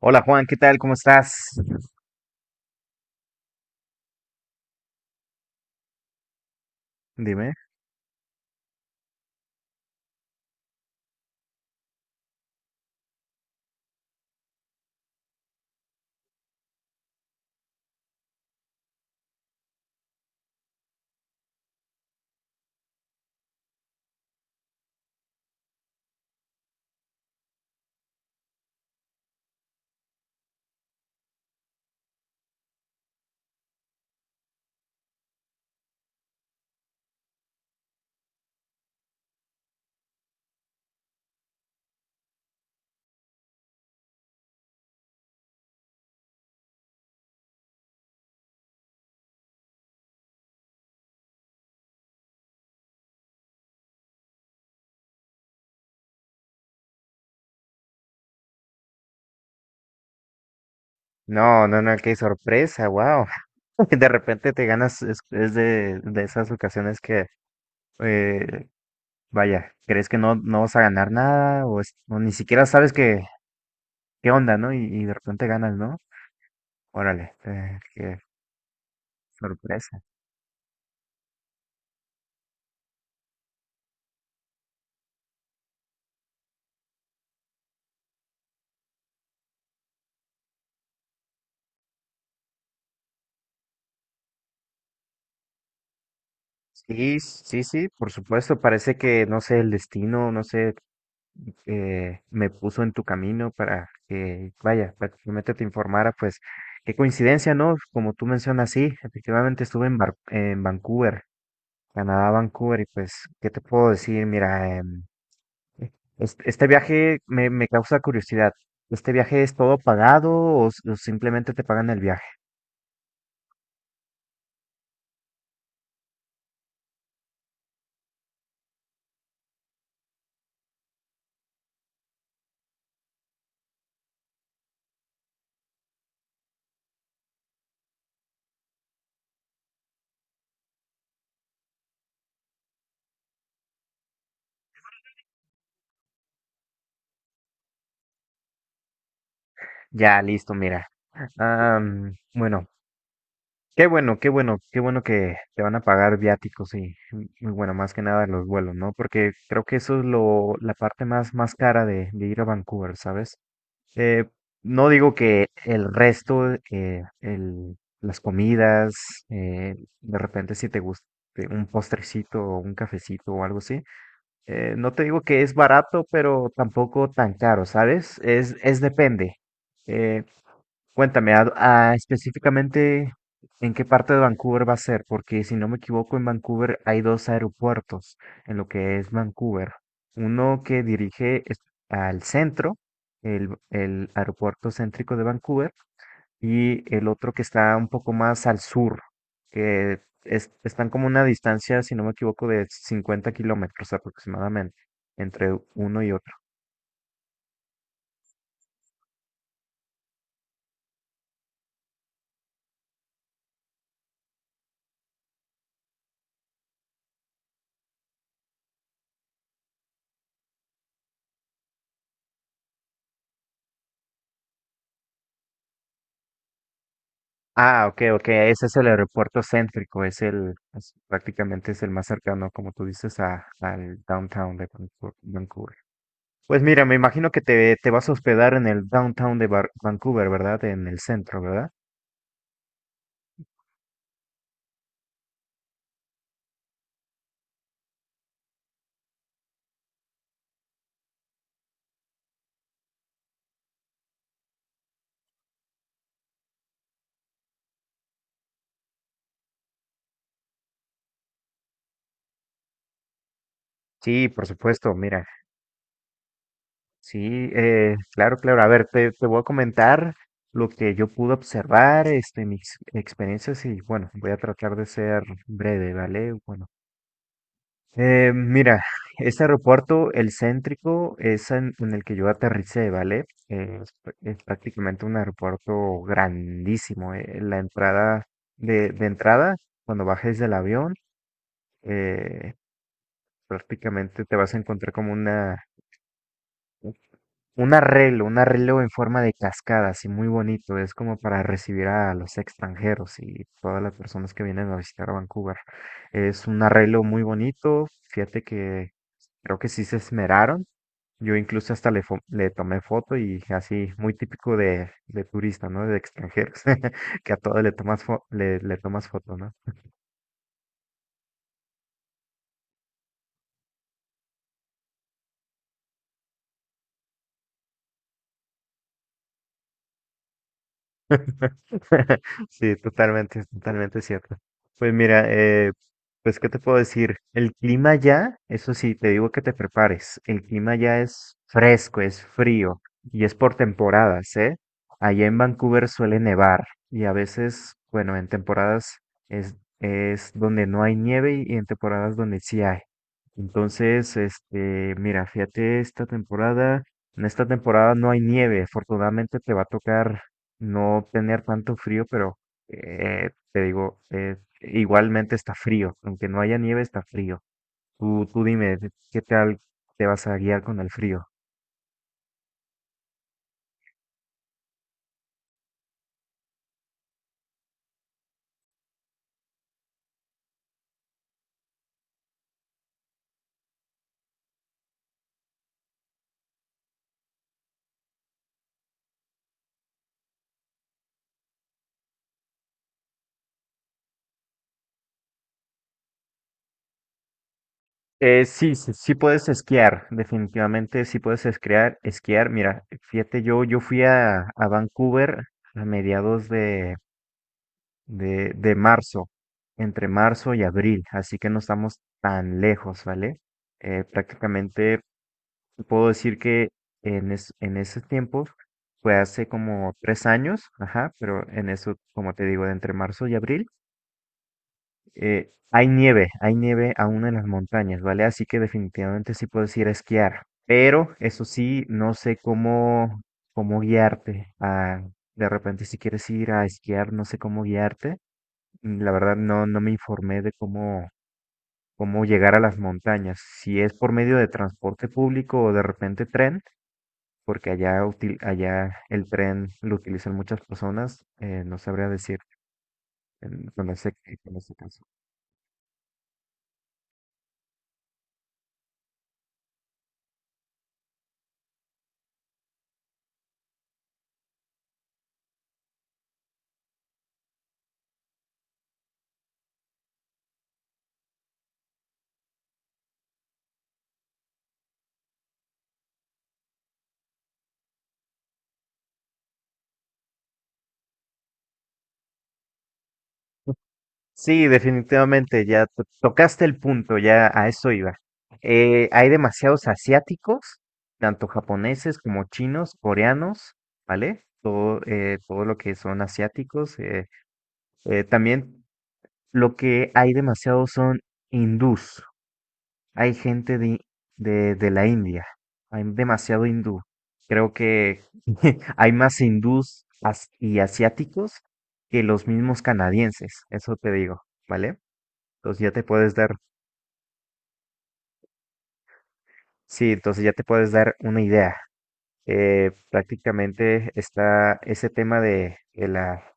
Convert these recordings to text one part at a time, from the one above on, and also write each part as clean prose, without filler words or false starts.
Hola Juan, ¿qué tal? ¿Cómo estás? Dime. No, no, no, qué sorpresa, wow. De repente te ganas, es de, esas ocasiones que, eh, vaya, crees que no, no vas a ganar nada o, o ni siquiera sabes qué onda, ¿no? Y de repente ganas, ¿no? Órale, qué sorpresa. Sí, sí, sí, por supuesto, parece que, no sé, el destino, no sé, me puso en tu camino para que, vaya, prácticamente te informara, pues qué coincidencia, ¿no? Como tú mencionas, sí, efectivamente estuve en Vancouver, Canadá, Vancouver, y pues, ¿qué te puedo decir? Mira, este viaje me, causa curiosidad. ¿Este viaje es todo pagado o, o simplemente te pagan el viaje? Ya, listo, mira. Bueno, qué bueno, qué bueno, qué bueno que te van a pagar viáticos y bueno, más que nada los vuelos, ¿no? Porque creo que eso es la parte más, más cara de ir a Vancouver, ¿sabes? Eh, no digo que el resto, las comidas, eh, de repente si te gusta un postrecito o un cafecito o algo así, no te digo que es barato, pero tampoco tan caro, ¿sabes? Es depende. Eh, Cuéntame, a específicamente en qué parte de Vancouver va a ser, porque si no me equivoco, en Vancouver hay dos aeropuertos en lo que es Vancouver. Uno que dirige al centro, el aeropuerto céntrico de Vancouver, y el otro que está un poco más al sur, están como una distancia, si no me equivoco, de 50 kilómetros aproximadamente entre uno y otro. Ah, ok, ok, ese es el aeropuerto céntrico, prácticamente es el más cercano, como tú dices, al downtown de Vancouver. Vancouver. Pues mira, me imagino que te vas a hospedar en el downtown de Vancouver, ¿verdad? En el centro, ¿verdad? Sí, por supuesto, mira, sí, claro, claro. A ver, te voy a comentar lo que yo pude observar, este, mis experiencias y bueno, voy a tratar de ser breve, ¿vale? Bueno. Mira, este aeropuerto, el céntrico, es en el que yo aterricé, ¿vale? Es prácticamente un aeropuerto grandísimo. La entrada de entrada, cuando bajes del avión, eh, prácticamente te vas a encontrar como un arreglo en forma de cascada, así muy bonito. Es como para recibir a los extranjeros y todas las personas que vienen a visitar a Vancouver. Es un arreglo muy bonito. Fíjate que creo que sí se esmeraron. Yo incluso hasta le tomé foto y así, muy típico de turista, ¿no? De extranjeros, que a todo le tomas, le tomas foto, ¿no? Sí, totalmente, totalmente cierto. Pues mira, pues ¿qué te puedo decir? El clima ya, eso sí, te digo que te prepares. El clima ya es fresco, es frío y es por temporadas, ¿eh? Allá en Vancouver suele nevar y a veces, bueno, en temporadas es donde no hay nieve y en temporadas donde sí hay. Entonces, este, mira, fíjate esta temporada. En esta temporada no hay nieve, afortunadamente te va a tocar no tener tanto frío, pero te digo, igualmente está frío, aunque no haya nieve, está frío. Tú dime, ¿de ¿qué tal te vas a guiar con el frío? Sí, sí, sí puedes esquiar, definitivamente sí puedes esquiar, esquiar. Mira, fíjate, yo fui a Vancouver a mediados de marzo, entre marzo y abril, así que no estamos tan lejos, ¿vale? Prácticamente te puedo decir que en esos tiempos fue hace como 3 años, ajá, pero en eso, como te digo, entre marzo y abril, hay nieve aún en las montañas, ¿vale? Así que definitivamente sí puedes ir a esquiar, pero eso sí, no sé cómo guiarte. De repente, si quieres ir a esquiar, no sé cómo guiarte. La verdad, no, no me informé de cómo llegar a las montañas, si es por medio de transporte público o de repente tren porque allá, allá el tren lo utilizan muchas personas, no sabría decir en- con ese, con ese caso. Sí, definitivamente, ya tocaste el punto, ya a eso iba. Hay demasiados asiáticos, tanto japoneses como chinos, coreanos, ¿vale? Todo lo que son asiáticos. También lo que hay demasiado son hindús. Hay gente de, la India, hay demasiado hindú. Creo que hay más hindús y asiáticos que los mismos canadienses, eso te digo, ¿vale? Entonces ya te puedes dar. Sí, entonces ya te puedes dar una idea. Prácticamente está ese tema de, de la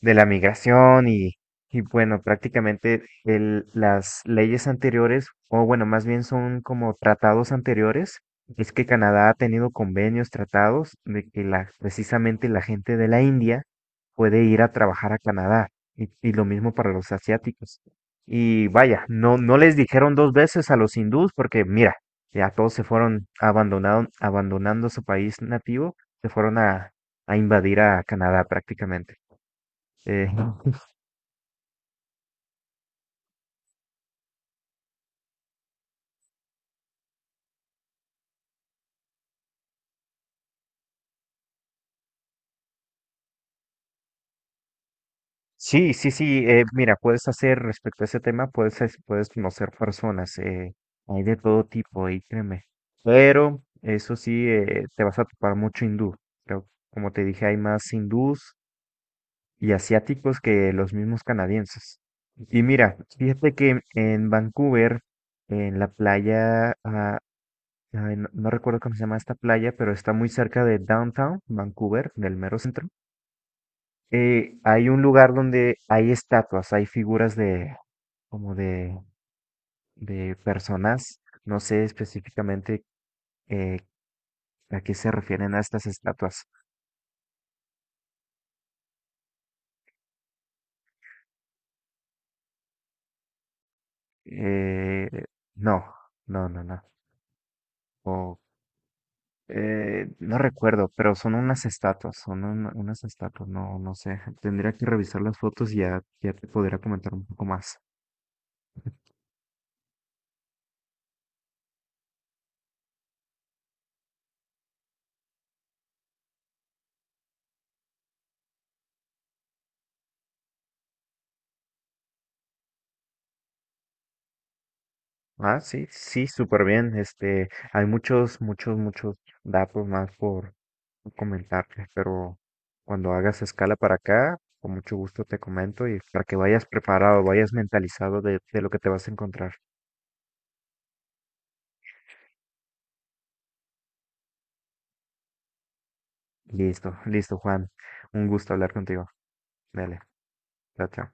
de la migración y, bueno, prácticamente las leyes anteriores, o bueno, más bien son como tratados anteriores, es que Canadá ha tenido convenios, tratados de que precisamente la gente de la India puede ir a trabajar a Canadá y lo mismo para los asiáticos. Y vaya, no, no les dijeron dos veces a los hindús porque mira, ya todos se fueron abandonando su país nativo, se fueron a invadir a Canadá prácticamente. Eh, Sí, sí, sí. Mira, puedes hacer respecto a ese tema, puedes conocer personas, hay de todo tipo, y créeme. Pero eso sí, te vas a topar mucho hindú. Pero como te dije, hay más hindús y asiáticos que los mismos canadienses. Y mira, fíjate que en Vancouver, en la playa, ay, no, no recuerdo cómo se llama esta playa, pero está muy cerca de downtown, Vancouver, del mero centro. Hay un lugar donde hay estatuas, hay figuras de como de, personas. No sé específicamente eh, a qué se refieren a estas estatuas. Eh, no, no, no, no. O, no recuerdo, pero son unas estatuas, son unas estatuas, no, no sé. Tendría que revisar las fotos y ya te podría comentar un poco más. Ah, sí, sí, súper bien. Este, hay muchos, muchos, muchos datos más por comentarte, pero cuando hagas escala para acá, con mucho gusto te comento y para que vayas preparado, vayas mentalizado de lo que te vas a encontrar. Listo, listo, Juan. Un gusto hablar contigo. Dale, chao, chao.